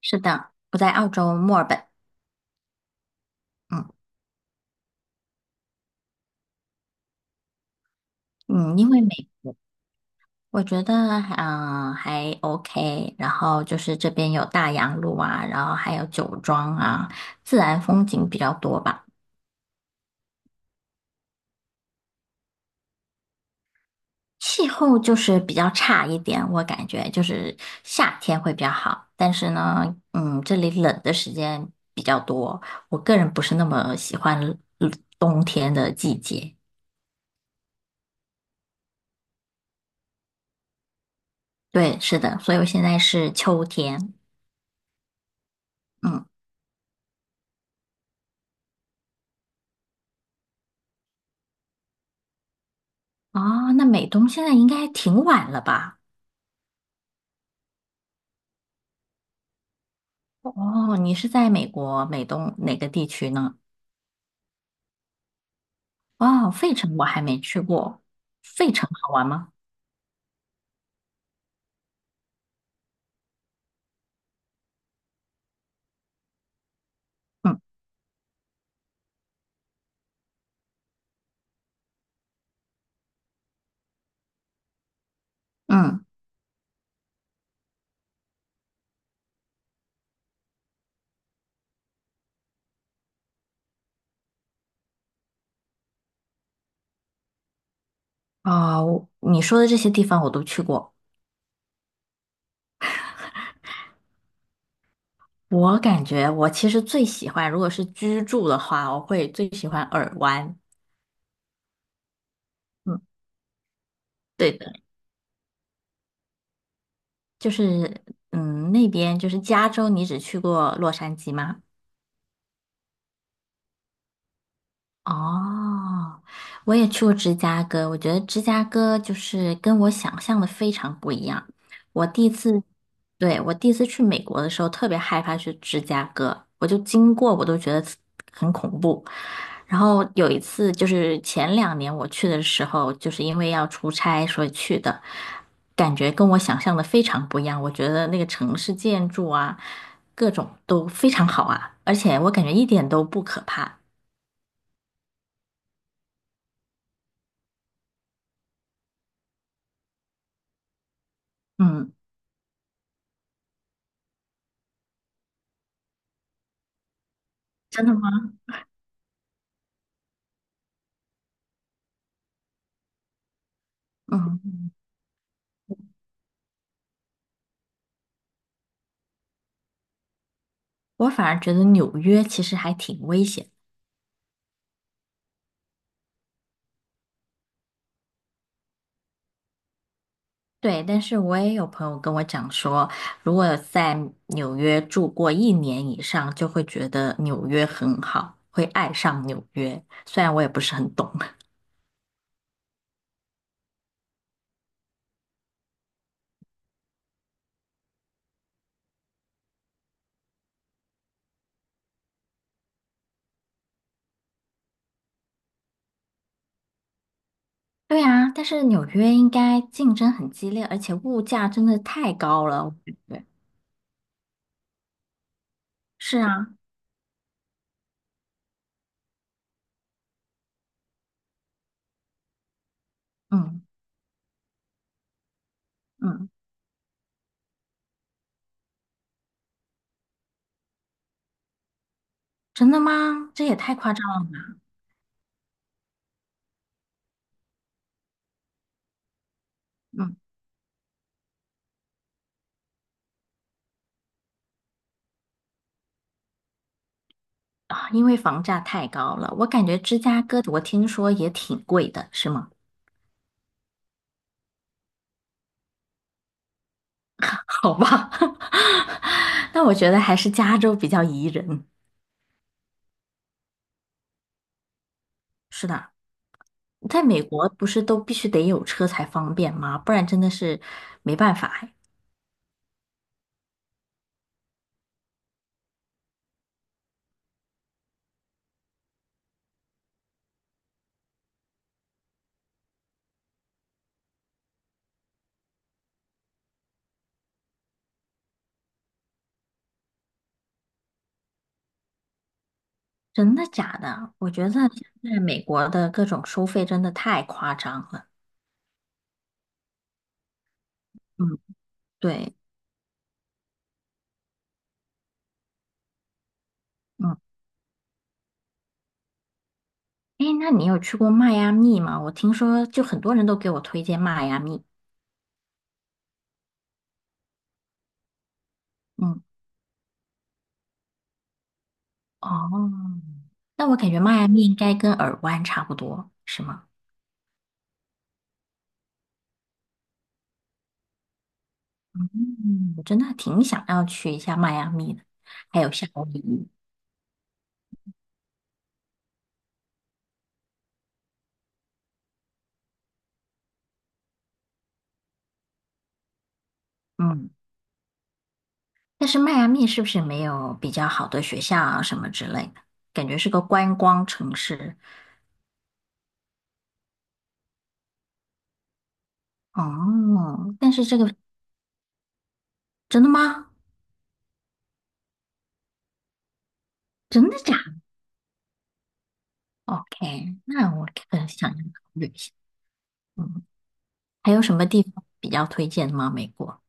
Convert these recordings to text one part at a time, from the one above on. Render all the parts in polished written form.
是的，我在澳洲墨尔本。嗯嗯，因为美，我觉得啊、还 OK，然后就是这边有大洋路啊，然后还有酒庄啊，自然风景比较多吧。气候就是比较差一点，我感觉就是夏天会比较好，但是呢，嗯，这里冷的时间比较多，我个人不是那么喜欢嗯冬天的季节。对，是的，所以我现在是秋天。嗯。哦，那美东现在应该挺晚了吧？哦，你是在美国美东哪个地区呢？哦，费城我还没去过，费城好玩吗？嗯嗯，哦，你说的这些地方我都去过。我感觉我其实最喜欢，如果是居住的话，我会最喜欢尔湾。嗯，对的，就是那边就是加州，你只去过洛杉矶吗？哦，我也去过芝加哥，我觉得芝加哥就是跟我想象的非常不一样。我第一次，对，我第一次去美国的时候，特别害怕去芝加哥，我就经过我都觉得很恐怖。然后有一次就是前两年我去的时候，就是因为要出差所以去的，感觉跟我想象的非常不一样。我觉得那个城市建筑啊，各种都非常好啊，而且我感觉一点都不可怕。嗯，真的吗？嗯，我反而觉得纽约其实还挺危险。对，但是我也有朋友跟我讲说，如果在纽约住过一年以上，就会觉得纽约很好，会爱上纽约。虽然我也不是很懂。对啊，但是纽约应该竞争很激烈，而且物价真的太高了。我感觉是啊，嗯嗯，真的吗？这也太夸张了吧。嗯啊，因为房价太高了，我感觉芝加哥我听说也挺贵的，是吗？好吧，那我觉得还是加州比较宜人。是的，在美国不是都必须得有车才方便吗？不然真的是没办法哎真的假的？我觉得现在美国的各种收费真的太夸张了。嗯，对，嗯，哎，那你有去过迈阿密吗？我听说就很多人都给我推荐迈阿密。嗯，哦，那我感觉迈阿密应该跟耳湾差不多，是吗？嗯，我真的挺想要去一下迈阿密的，还有夏威夷。嗯，但是迈阿密是不是没有比较好的学校啊什么之类的？感觉是个观光城市。哦，但是这个真的吗？真的假的？OK，那我可能想要考虑一下。嗯，还有什么地方比较推荐吗？美国？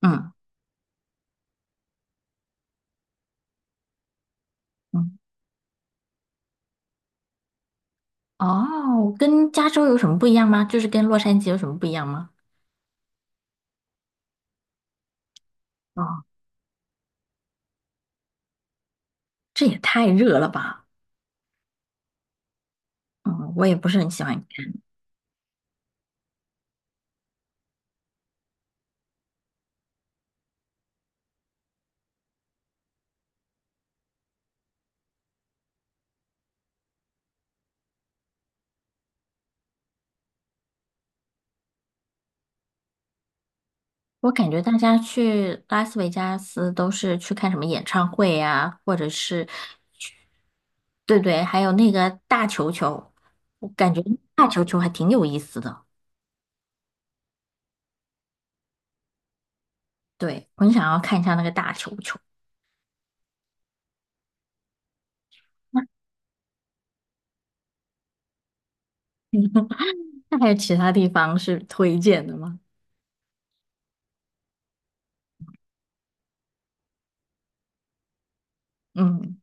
嗯嗯，哦，跟加州有什么不一样吗？就是跟洛杉矶有什么不一样吗？哦，这也太热了吧！嗯，我也不是很喜欢。我感觉大家去拉斯维加斯都是去看什么演唱会呀、或者是去，对对，还有那个大球球，我感觉大球球还挺有意思的。对，我很想要看一下那个大球球。那还有其他地方是推荐的吗？嗯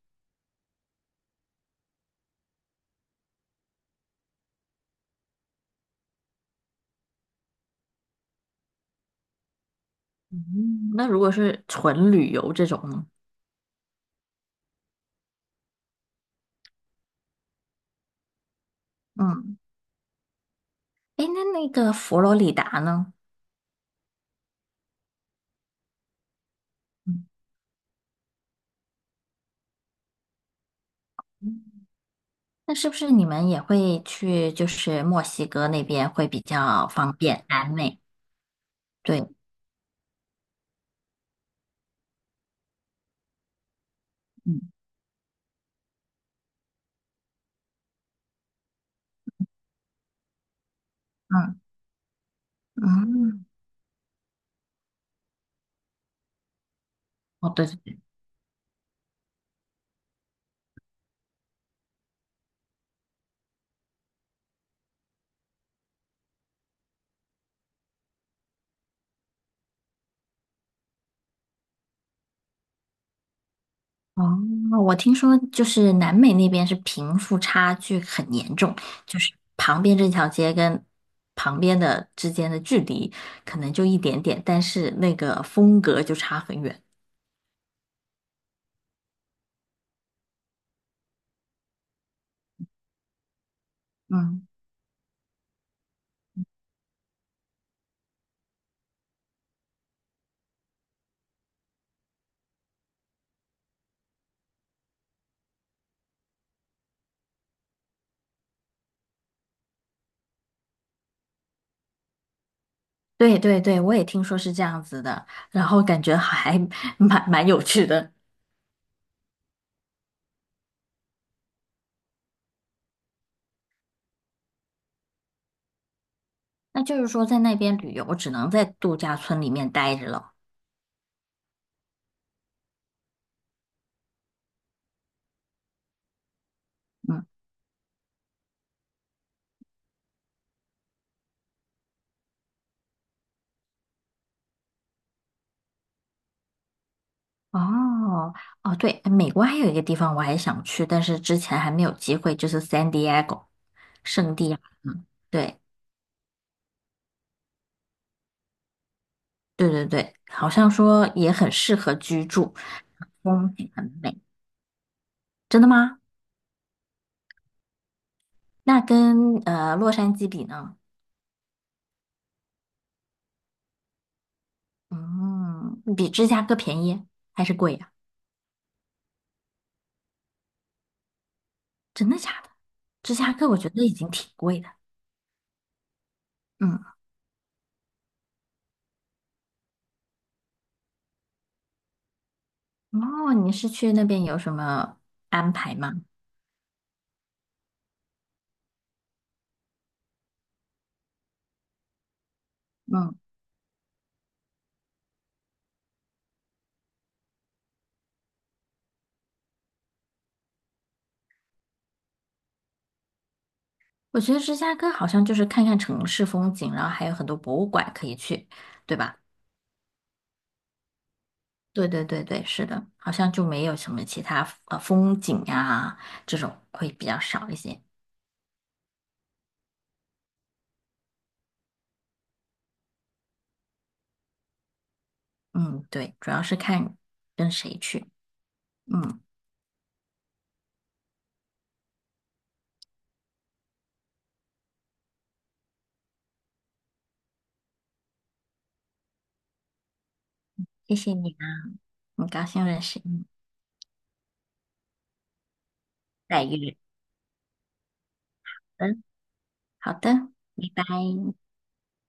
嗯，那如果是纯旅游这种呢？嗯，哎，那那个佛罗里达呢？嗯嗯那是不是你们也会去，就是墨西哥那边会比较方便，南美？对，嗯嗯嗯，哦对对对，哦，我听说就是南美那边是贫富差距很严重，就是旁边这条街跟旁边的之间的距离可能就一点点，但是那个风格就差很远。嗯，对对对，我也听说是这样子的，然后感觉还 蛮有趣的。那就是说，在那边旅游只能在度假村里面待着了。嗯，哦，哦，对，美国还有一个地方我还想去，但是之前还没有机会，就是 San Diego 圣地亚哥。对，对对对，好像说也很适合居住，风景很美。真的吗？那跟洛杉矶比呢？嗯，比芝加哥便宜还是贵呀？真的假的？芝加哥我觉得已经挺贵的。嗯，哦，你是去那边有什么安排吗？嗯。我觉得芝加哥好像就是看看城市风景，然后还有很多博物馆可以去，对吧？对对对对，是的，好像就没有什么其他风景啊这种会比较少一些。嗯，对，主要是看跟谁去。嗯，谢谢你啊，很高兴认识你，再约。嗯，好的，拜拜。